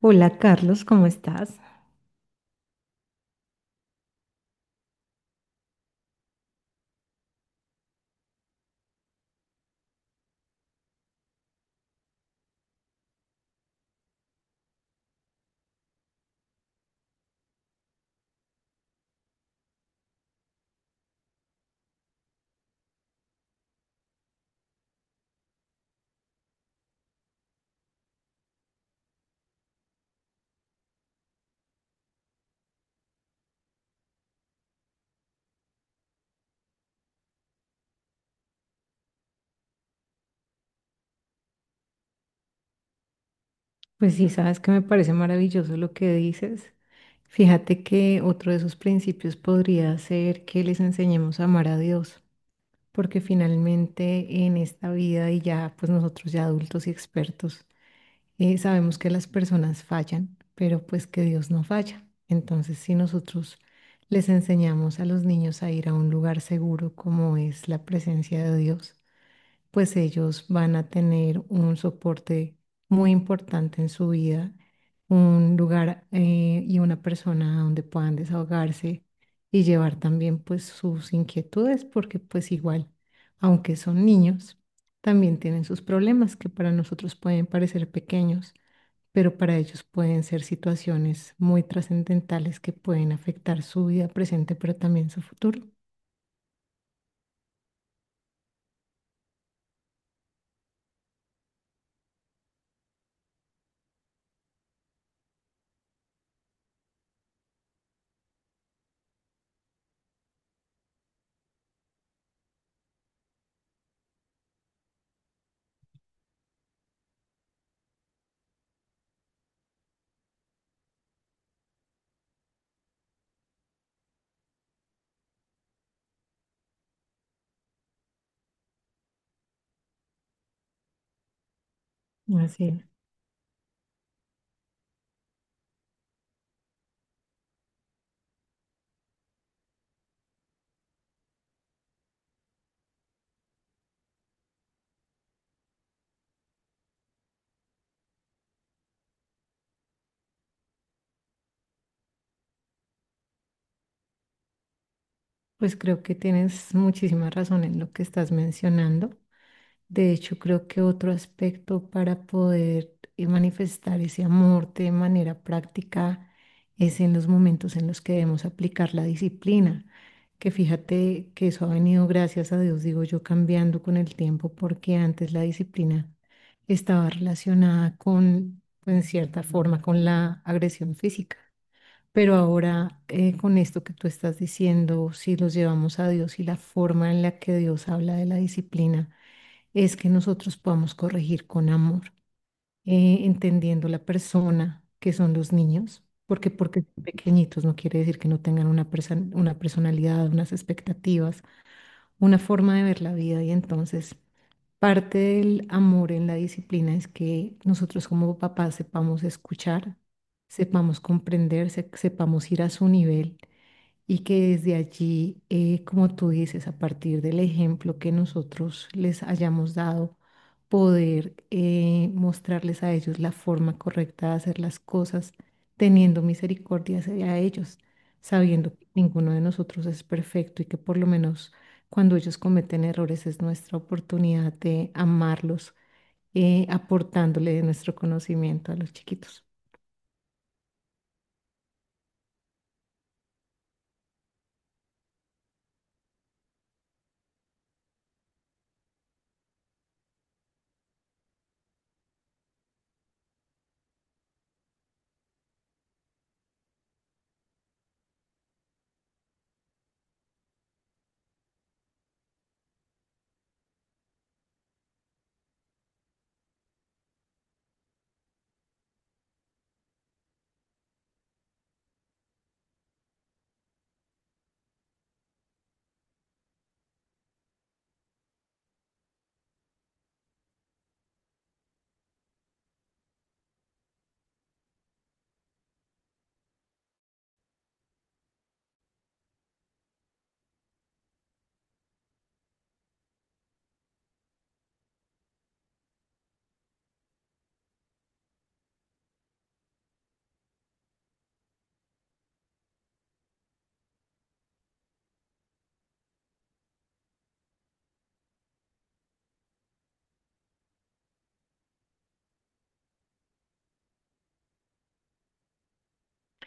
Hola Carlos, ¿cómo estás? Pues sí, sabes que me parece maravilloso lo que dices. Fíjate que otro de sus principios podría ser que les enseñemos a amar a Dios, porque finalmente en esta vida y ya pues nosotros ya adultos y expertos sabemos que las personas fallan, pero pues que Dios no falla. Entonces si nosotros les enseñamos a los niños a ir a un lugar seguro como es la presencia de Dios, pues ellos van a tener un soporte muy importante en su vida, un lugar y una persona donde puedan desahogarse y llevar también pues sus inquietudes, porque pues igual, aunque son niños, también tienen sus problemas que para nosotros pueden parecer pequeños, pero para ellos pueden ser situaciones muy trascendentales que pueden afectar su vida presente, pero también su futuro. Así es. Pues creo que tienes muchísima razón en lo que estás mencionando. De hecho, creo que otro aspecto para poder manifestar ese amor de manera práctica es en los momentos en los que debemos aplicar la disciplina, que fíjate que eso ha venido, gracias a Dios, digo yo, cambiando con el tiempo, porque antes la disciplina estaba relacionada con, en cierta forma, con la agresión física. Pero ahora, con esto que tú estás diciendo, si los llevamos a Dios y la forma en la que Dios habla de la disciplina, es que nosotros podamos corregir con amor, entendiendo la persona que son los niños, porque porque son pequeñitos no quiere decir que no tengan una, una personalidad, unas expectativas, una forma de ver la vida y entonces parte del amor en la disciplina es que nosotros como papás sepamos escuchar, sepamos comprender, sepamos ir a su nivel y que desde allí, como tú dices, a partir del ejemplo que nosotros les hayamos dado, poder mostrarles a ellos la forma correcta de hacer las cosas, teniendo misericordia hacia ellos, sabiendo que ninguno de nosotros es perfecto y que por lo menos cuando ellos cometen errores es nuestra oportunidad de amarlos, aportándole de nuestro conocimiento a los chiquitos.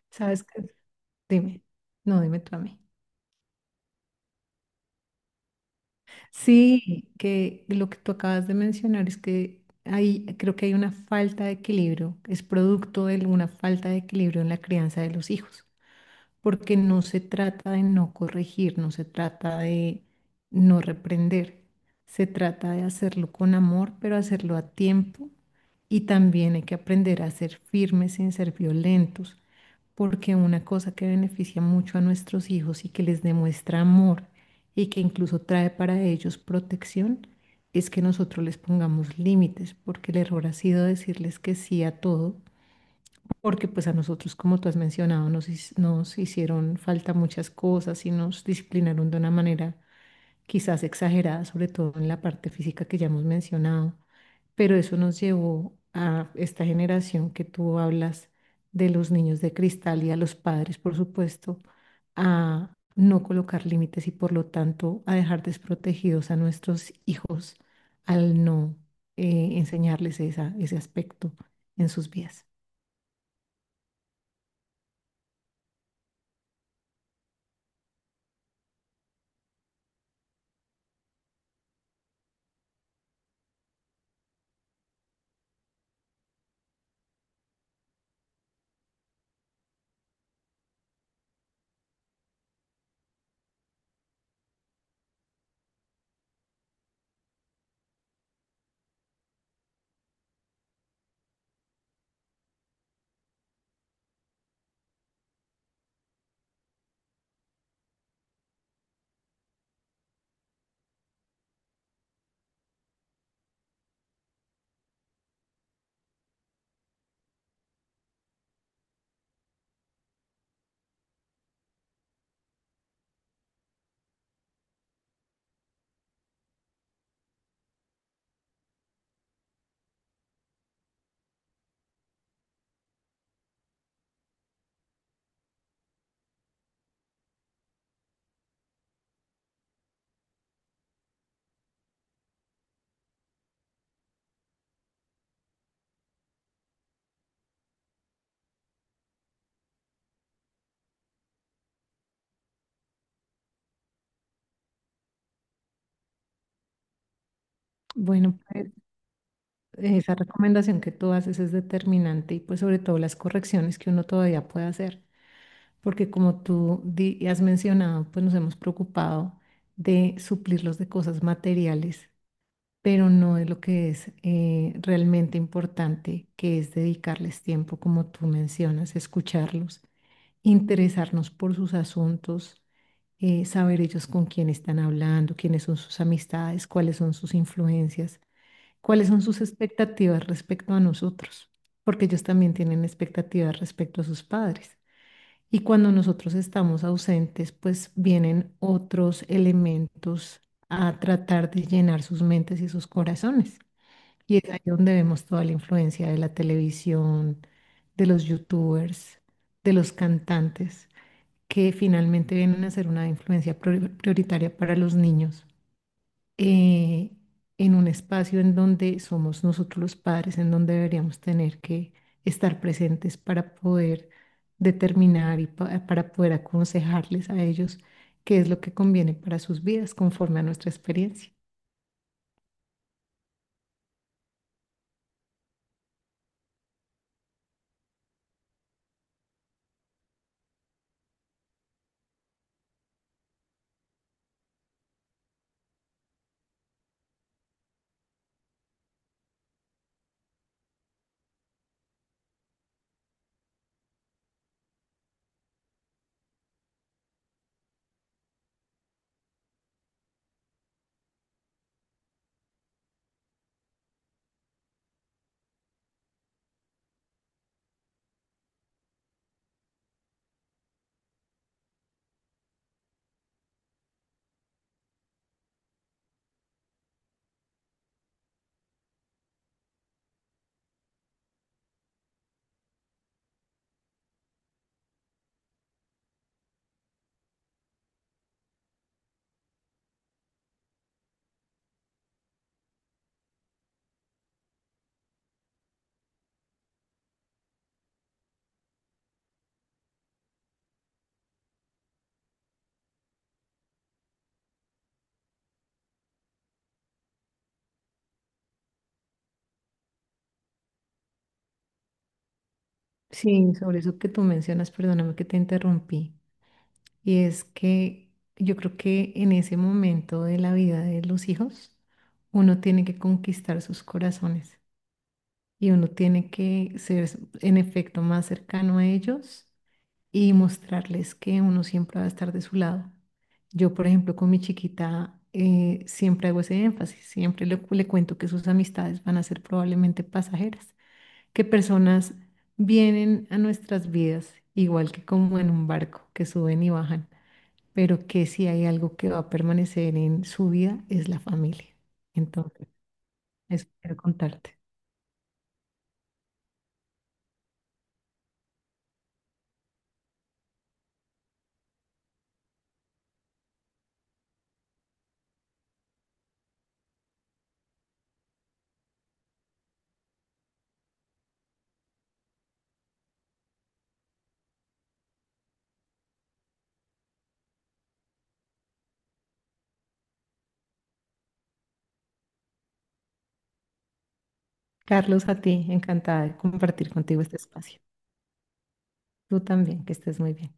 ¿Sabes qué? Dime, no, dime tú a mí. Sí, que lo que tú acabas de mencionar es que hay, creo que hay una falta de equilibrio, es producto de una falta de equilibrio en la crianza de los hijos, porque no se trata de no corregir, no se trata de no reprender, se trata de hacerlo con amor, pero hacerlo a tiempo y también hay que aprender a ser firmes sin ser violentos porque una cosa que beneficia mucho a nuestros hijos y que les demuestra amor y que incluso trae para ellos protección es que nosotros les pongamos límites, porque el error ha sido decirles que sí a todo, porque pues a nosotros, como tú has mencionado, nos, nos hicieron falta muchas cosas y nos disciplinaron de una manera quizás exagerada, sobre todo en la parte física que ya hemos mencionado, pero eso nos llevó a esta generación que tú hablas de los niños de cristal y a los padres, por supuesto, a no colocar límites y por lo tanto a dejar desprotegidos a nuestros hijos al no enseñarles esa, ese aspecto en sus vidas. Bueno, pues esa recomendación que tú haces es determinante y pues sobre todo las correcciones que uno todavía puede hacer, porque como has mencionado, pues nos hemos preocupado de suplirlos de cosas materiales, pero no de lo que es realmente importante, que es dedicarles tiempo, como tú mencionas, escucharlos, interesarnos por sus asuntos, saber ellos con quién están hablando, quiénes son sus amistades, cuáles son sus influencias, cuáles son sus expectativas respecto a nosotros, porque ellos también tienen expectativas respecto a sus padres. Y cuando nosotros estamos ausentes, pues vienen otros elementos a tratar de llenar sus mentes y sus corazones. Y es ahí donde vemos toda la influencia de la televisión, de los youtubers, de los cantantes, que finalmente vienen a ser una influencia prioritaria para los niños eh, en un espacio en donde somos nosotros los padres, en donde deberíamos tener que estar presentes para poder determinar y para poder aconsejarles a ellos qué es lo que conviene para sus vidas conforme a nuestra experiencia. Sí, sobre eso que tú mencionas, perdóname que te interrumpí, y es que yo creo que en ese momento de la vida de los hijos, uno tiene que conquistar sus corazones, y uno tiene que ser en efecto más cercano a ellos y mostrarles que uno siempre va a estar de su lado. Yo, por ejemplo, con mi chiquita siempre hago ese énfasis, siempre le cuento que sus amistades van a ser probablemente pasajeras, que personas vienen a nuestras vidas igual que como en un barco, que suben y bajan, pero que si hay algo que va a permanecer en su vida es la familia. Entonces, eso quiero contarte. Carlos, a ti, encantada de compartir contigo este espacio. Tú también, que estés muy bien.